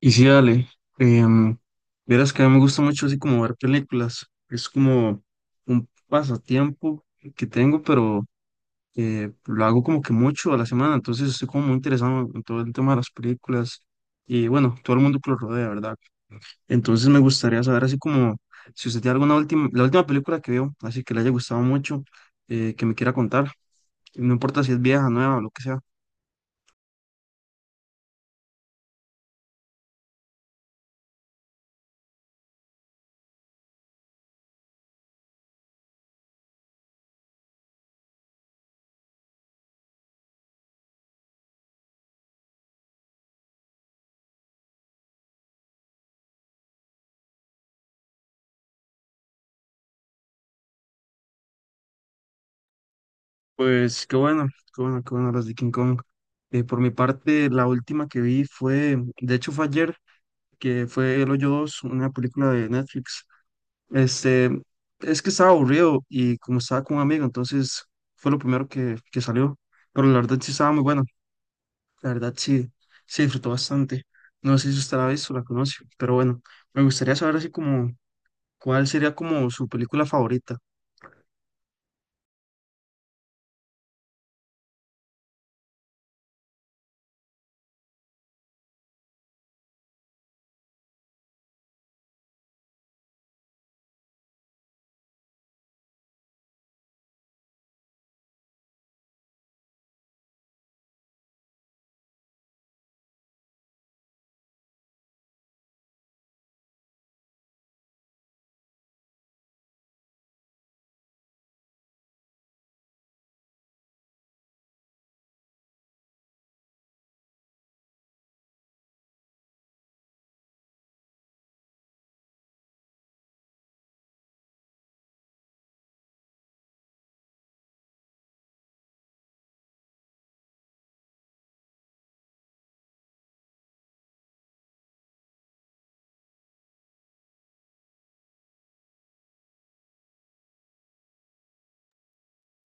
Y sí, dale. em, Verás que a mí me gusta mucho así como ver películas. Es como un pasatiempo que tengo, pero lo hago como que mucho a la semana. Entonces estoy como muy interesado en todo el tema de las películas y bueno, todo el mundo que lo rodea, ¿verdad? Entonces me gustaría saber así como si usted tiene alguna última, la última película que vio, así que le haya gustado mucho, que me quiera contar. No importa si es vieja, nueva o lo que sea. Pues qué bueno, qué bueno, qué bueno las de King Kong. Por mi parte, la última que vi fue, de hecho fue ayer, que fue El Hoyo Dos, una película de Netflix. Este, es que estaba aburrido y como estaba con un amigo, entonces fue lo primero que salió. Pero la verdad sí estaba muy bueno, la verdad sí, sí disfrutó bastante. No sé si usted la ha visto o la conoce, pero bueno, me gustaría saber así como cuál sería como su película favorita.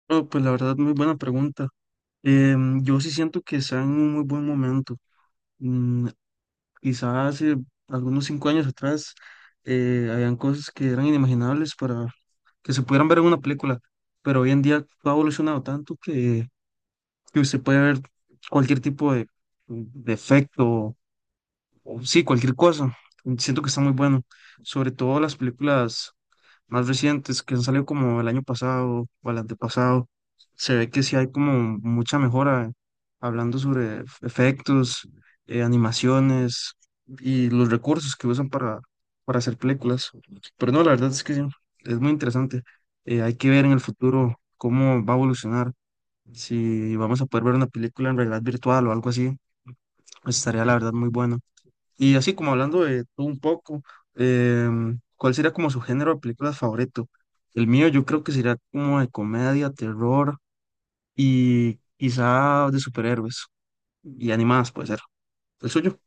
Oh, pues la verdad, muy buena pregunta. Yo sí siento que está en un muy buen momento. Mm, Quizá hace algunos 5 años atrás habían cosas que eran inimaginables para que se pudieran ver en una película, pero hoy en día todo ha evolucionado tanto que usted puede ver cualquier tipo de efecto o sí, cualquier cosa. Siento que está muy bueno, sobre todo las películas más recientes que han salido como el año pasado o el antepasado, se ve que sí hay como mucha mejora hablando sobre efectos, animaciones y los recursos que usan para hacer películas. Pero no, la verdad es que sí, es muy interesante. Hay que ver en el futuro cómo va a evolucionar, si vamos a poder ver una película en realidad virtual o algo así, pues estaría la verdad muy bueno. Y así como hablando de todo un poco, ¿cuál sería como su género de películas favorito? El mío yo creo que sería como de comedia, terror y quizá de superhéroes y animadas puede ser. ¿El suyo?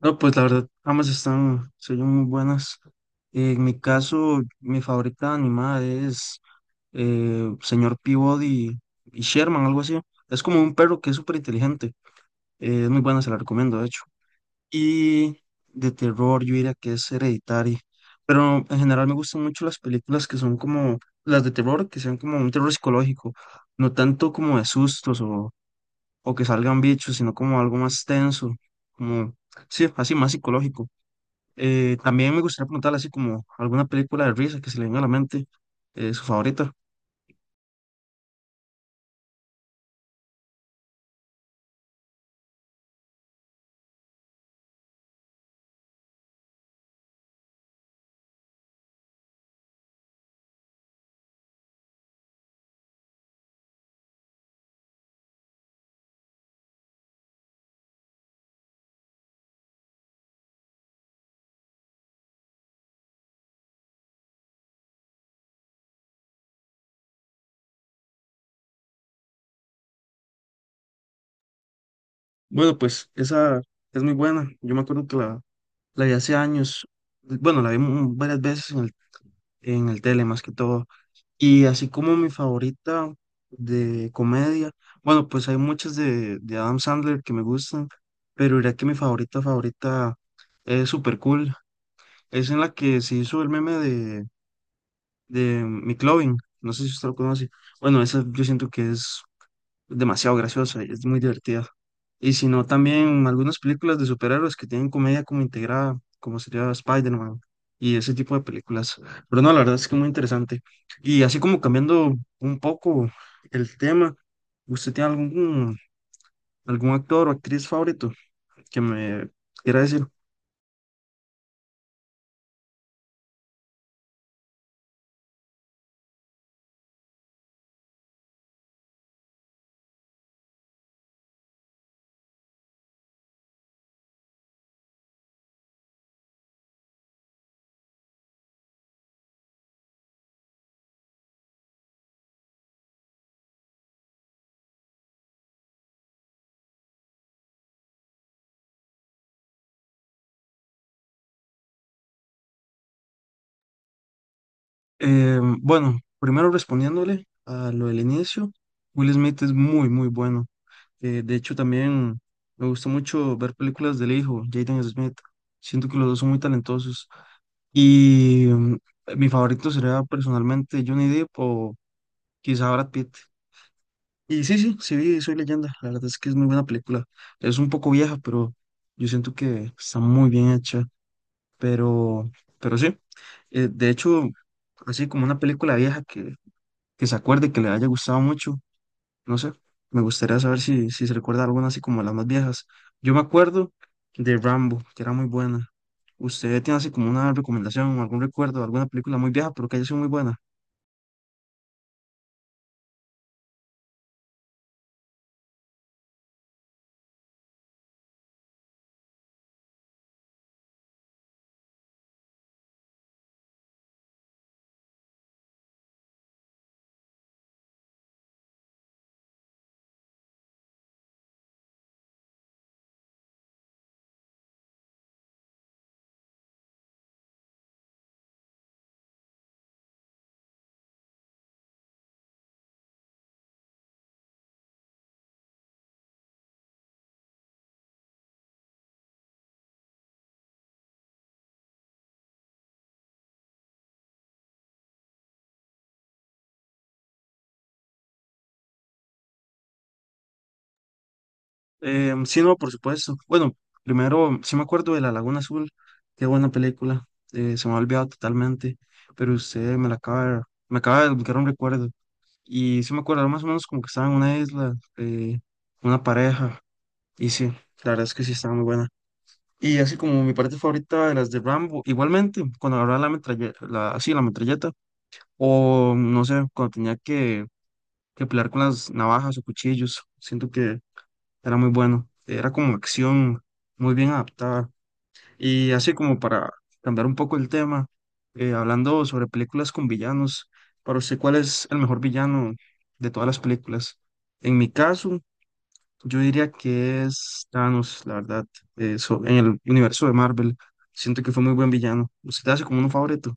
No, pues la verdad, ambas están, se oyen muy buenas. En mi caso, mi favorita animada es Señor Peabody y Sherman, algo así. Es como un perro que es súper inteligente. Es muy buena, se la recomiendo, de hecho. Y de terror, yo diría que es Hereditary. Pero en general me gustan mucho las películas que son como las de terror, que sean como un terror psicológico, no tanto como de sustos o que salgan bichos, sino como algo más tenso, como, sí, así más psicológico. También me gustaría preguntarle así como alguna película de risa que se le venga a la mente, su favorita. Bueno, pues esa es muy buena. Yo me acuerdo que la vi hace años. Bueno, la vi varias veces en en el tele más que todo. Y así como mi favorita de comedia, bueno, pues hay muchas de Adam Sandler que me gustan, pero diría que mi favorita favorita es Super Cool. Es en la que se hizo el meme de McLovin, no sé si usted lo conoce. Bueno, esa yo siento que es demasiado graciosa, y es muy divertida. Y si no, también algunas películas de superhéroes que tienen comedia como integrada, como sería Spider-Man y ese tipo de películas. Pero no, la verdad es que muy interesante. Y así como cambiando un poco el tema, ¿usted tiene algún actor o actriz favorito que me quiera decir? Bueno, primero respondiéndole a lo del inicio, Will Smith es muy, muy bueno. De hecho, también me gusta mucho ver películas del hijo, Jaden Smith. Siento que los dos son muy talentosos. Y mi favorito sería personalmente Johnny Depp o quizá Brad Pitt. Y sí, sí, sí, vi Soy Leyenda. La verdad es que es muy buena película. Es un poco vieja, pero yo siento que está muy bien hecha. Pero, pero sí. De hecho, así como una película vieja que se acuerde, que le haya gustado mucho. No sé, me gustaría saber si, si se recuerda alguna así como las más viejas. Yo me acuerdo de Rambo, que era muy buena. ¿Usted tiene así como una recomendación, algún recuerdo, alguna película muy vieja, pero que haya sido muy buena? Sí, no, por supuesto. Bueno, primero, sí me acuerdo de La Laguna Azul, qué buena película. Se me ha olvidado totalmente, pero usted me la acaba de, me acaba de desbloquear un recuerdo. Y sí me acuerdo, era más o menos como que estaba en una isla, una pareja, y sí, la verdad es que sí estaba muy buena. Y así como mi parte favorita de las de Rambo, igualmente, cuando agarraba la metralleta, la, así, la metralleta, o no sé, cuando tenía que pelear con las navajas o cuchillos, siento que era muy bueno, era como acción muy bien adaptada. Y así como para cambiar un poco el tema, hablando sobre películas con villanos, para usted, ¿cuál es el mejor villano de todas las películas? En mi caso, yo diría que es Thanos, la verdad, en el universo de Marvel. Siento que fue muy buen villano. ¿Usted te hace como un favorito?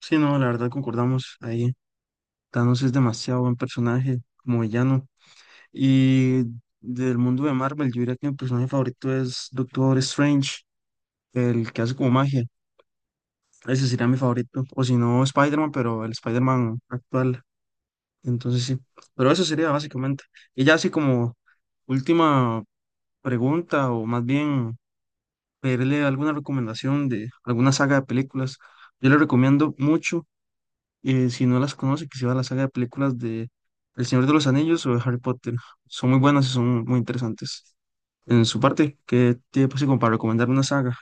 Sí, no, la verdad concordamos ahí. Thanos es demasiado buen personaje como villano. Y del mundo de Marvel, yo diría que mi personaje favorito es Doctor Strange, el que hace como magia. Ese sería mi favorito. O si no, Spider-Man, pero el Spider-Man actual. Entonces sí. Pero eso sería básicamente. Y ya así como última pregunta, o más bien pedirle alguna recomendación de alguna saga de películas. Yo le recomiendo mucho, si no las conoce, que se vea la saga de películas de El Señor de los Anillos o de Harry Potter. Son muy buenas y son muy interesantes. En su parte, ¿qué tiene pues, como para recomendar una saga?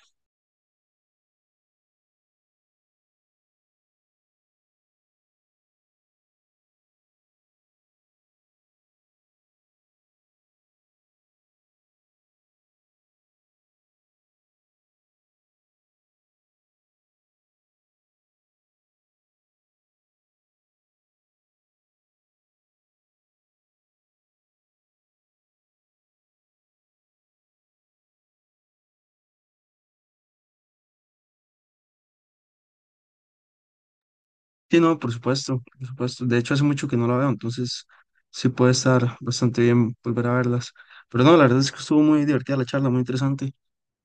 Sí, no, por supuesto, por supuesto. De hecho, hace mucho que no la veo, entonces sí puede estar bastante bien volver a verlas. Pero no, la verdad es que estuvo muy divertida la charla, muy interesante.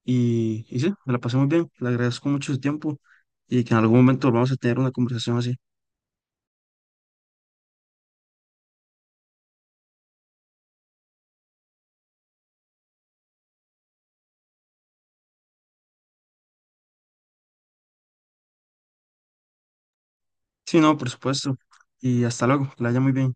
Y sí, me la pasé muy bien. Le agradezco mucho su tiempo y que en algún momento vamos a tener una conversación así. Sí, no, por supuesto. Y hasta luego, que la haya muy bien.